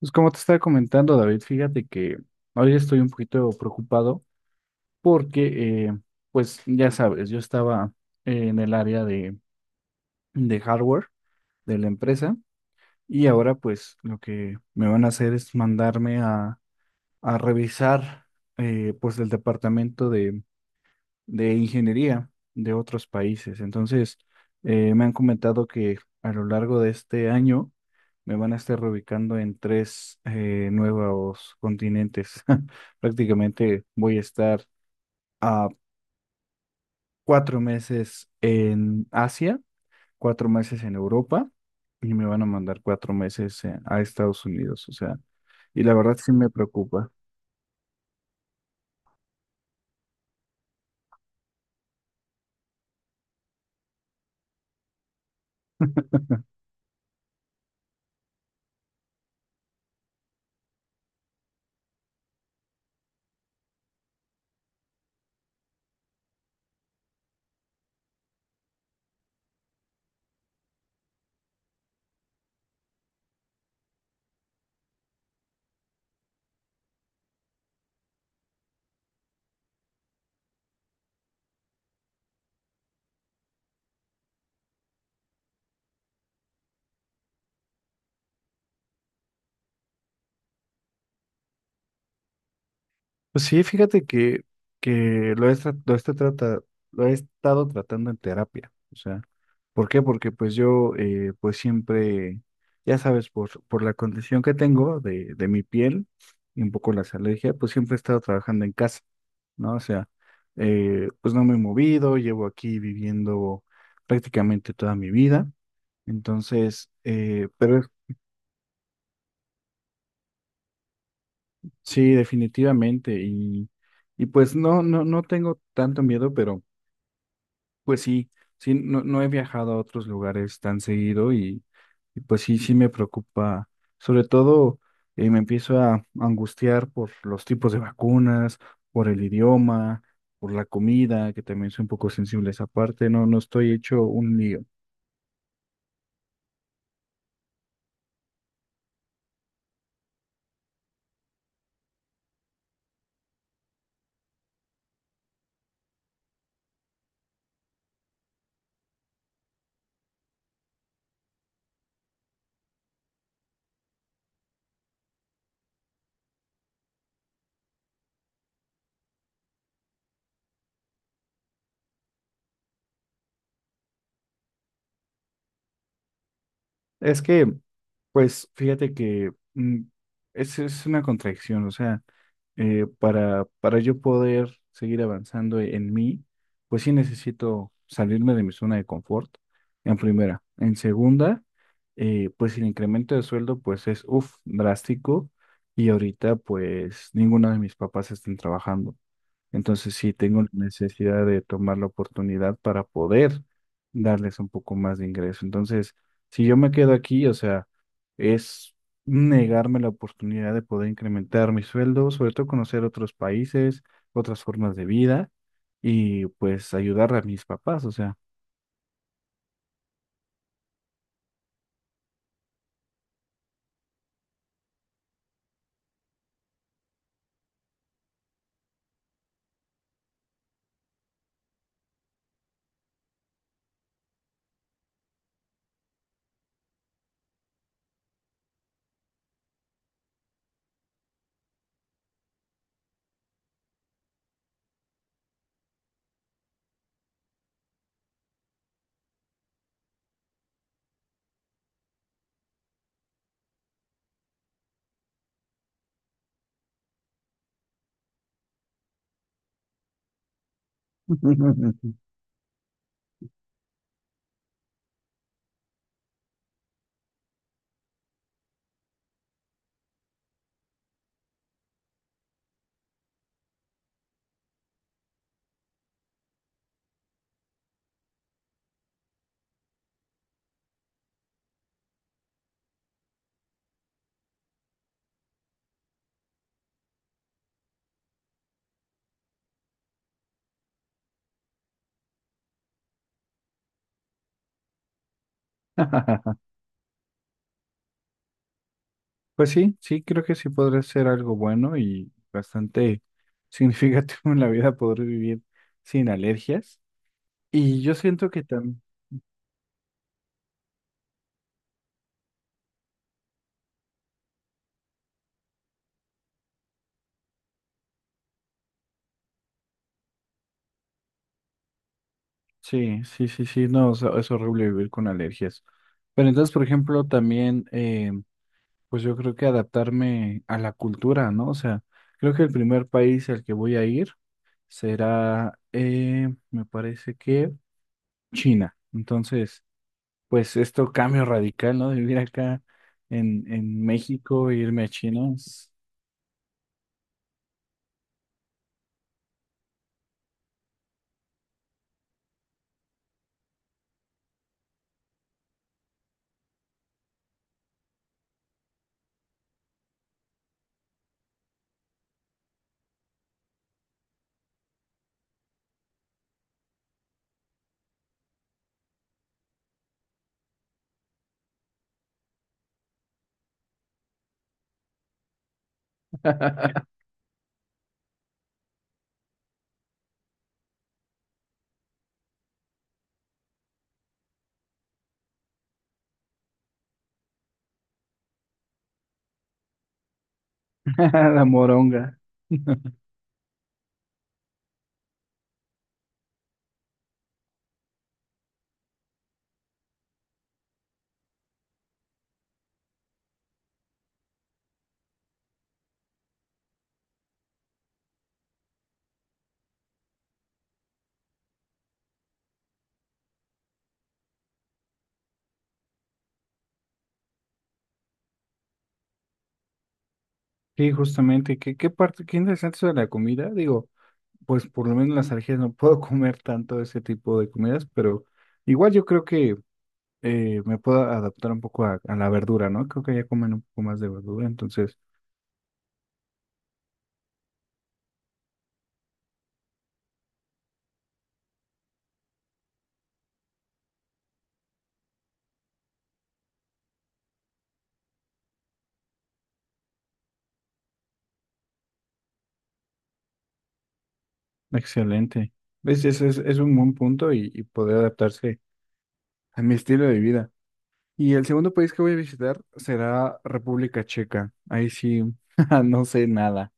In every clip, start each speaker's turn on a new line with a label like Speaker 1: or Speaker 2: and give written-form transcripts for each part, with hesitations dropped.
Speaker 1: Pues como te estaba comentando, David, fíjate que hoy estoy un poquito preocupado porque, pues ya sabes, yo estaba en el área de hardware de la empresa y ahora pues lo que me van a hacer es mandarme a revisar pues el departamento de ingeniería de otros países. Entonces, me han comentado que a lo largo de este año me van a estar reubicando en tres nuevos continentes. Prácticamente voy a estar a 4 meses en Asia, 4 meses en Europa y me van a mandar 4 meses a Estados Unidos. O sea, y la verdad sí me preocupa. Pues sí, fíjate que lo he estado tratando en terapia. O sea, ¿por qué? Porque pues yo pues siempre, ya sabes, por la condición que tengo de mi piel y un poco las alergias, pues siempre he estado trabajando en casa, ¿no? O sea, pues no me he movido, llevo aquí viviendo prácticamente toda mi vida. Entonces, pero sí, definitivamente. Y pues no, no, no tengo tanto miedo, pero... Pues sí, sí, no, no he viajado a otros lugares tan seguido y pues sí, sí me preocupa. Sobre todo me empiezo a angustiar por los tipos de vacunas, por el idioma, por la comida, que también soy un poco sensible a esa parte, no, no estoy hecho un lío. Es que, pues fíjate que es una contradicción, o sea. Para yo poder seguir avanzando en mí, pues sí necesito salirme de mi zona de confort, en primera. En segunda, pues el incremento de sueldo pues es, uff, drástico y ahorita pues ninguno de mis papás están trabajando. Entonces sí tengo la necesidad de tomar la oportunidad para poder darles un poco más de ingreso. Entonces, si yo me quedo aquí, o sea, es negarme la oportunidad de poder incrementar mi sueldo, sobre todo conocer otros países, otras formas de vida y pues ayudar a mis papás, o sea. Pues sí, sí, creo que sí podría ser algo bueno y bastante significativo en la vida poder vivir sin alergias. Y yo siento que también... Sí, sí, sí, sí, no, o sea, es horrible vivir con alergias. Pero entonces, por ejemplo, también, pues yo creo que adaptarme a la cultura, ¿no? O sea, creo que el primer país al que voy a ir será, me parece que China. Entonces, pues esto cambio radical, ¿no? De vivir acá en México e irme a China. Es La moronga. Sí, justamente, ¿ qué interesante eso de la comida? Digo, pues por lo menos en las alergias no puedo comer tanto ese tipo de comidas, pero igual yo creo que me puedo adaptar un poco a la verdura, ¿no? Creo que ya comen un poco más de verdura, entonces, excelente. ¿Ves? Ese es un buen punto y poder adaptarse a mi estilo de vida. Y el segundo país que voy a visitar será República Checa. Ahí sí, no sé nada.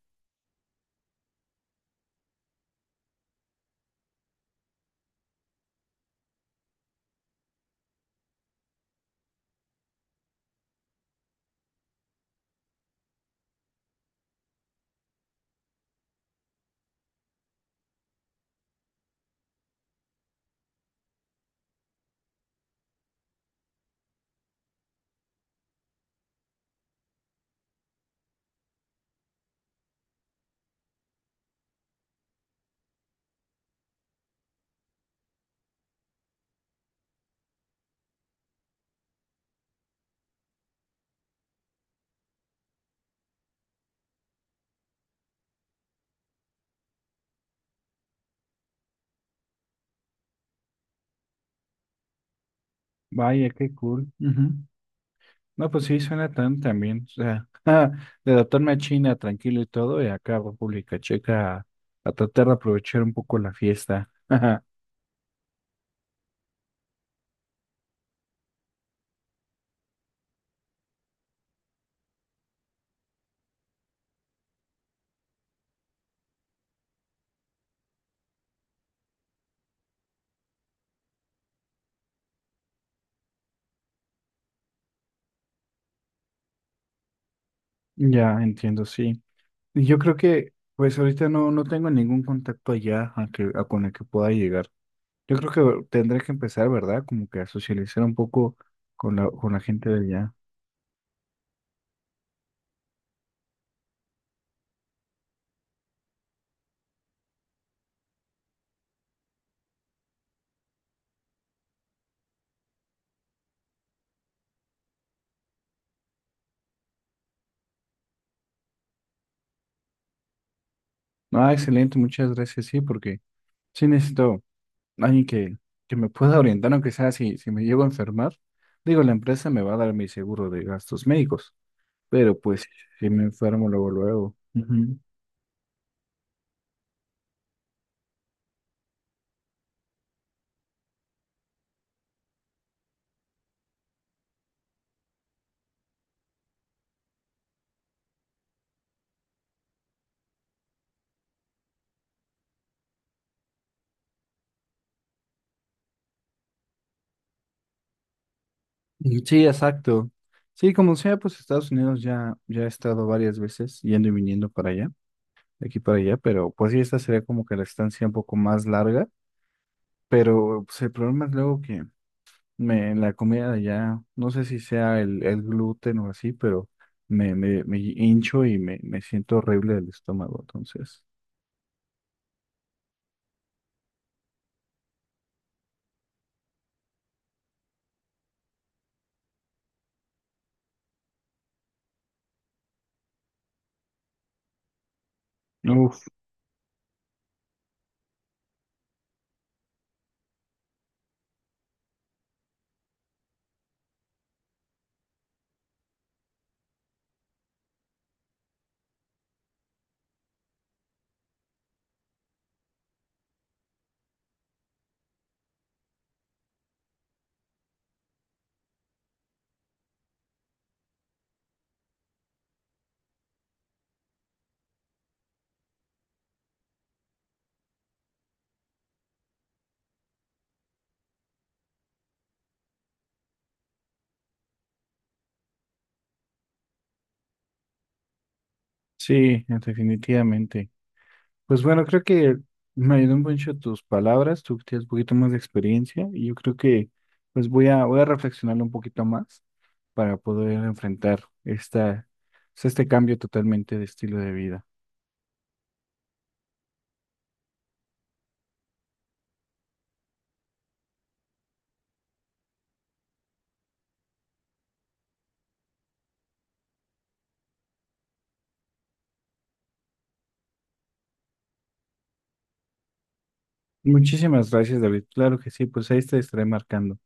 Speaker 1: Vaya, qué cool. Ujú. No, pues sí, suena tan también. O sea, de adaptarme a China tranquilo y todo, y acá a República Checa a tratar de aprovechar un poco la fiesta. Ya entiendo, sí. Y yo creo que, pues ahorita no, no tengo ningún contacto allá a con el que pueda llegar. Yo creo que tendré que empezar, ¿verdad? Como que a socializar un poco con la gente de allá. Ah, excelente, muchas gracias, sí, porque sí necesito alguien que me pueda orientar, aunque sea si me llego a enfermar. Digo, la empresa me va a dar mi seguro de gastos médicos, pero pues si me enfermo luego, luego. Ujú. Y sí, exacto. Sí, como sea, pues Estados Unidos ya he estado varias veces yendo y viniendo para allá, de aquí para allá, pero pues sí, esta sería como que la estancia un poco más larga, pero pues el problema es luego que la comida de allá, no sé si sea el gluten o así, pero me hincho y me siento horrible del estómago, entonces. Uf, sí, definitivamente. Pues bueno, creo que me ayudó mucho tus palabras, tú que tienes un poquito más de experiencia y yo creo que pues voy a, reflexionarlo un poquito más para poder enfrentar esta, pues, este cambio totalmente de estilo de vida. Muchísimas gracias, David. Claro que sí, pues ahí te estaré marcando.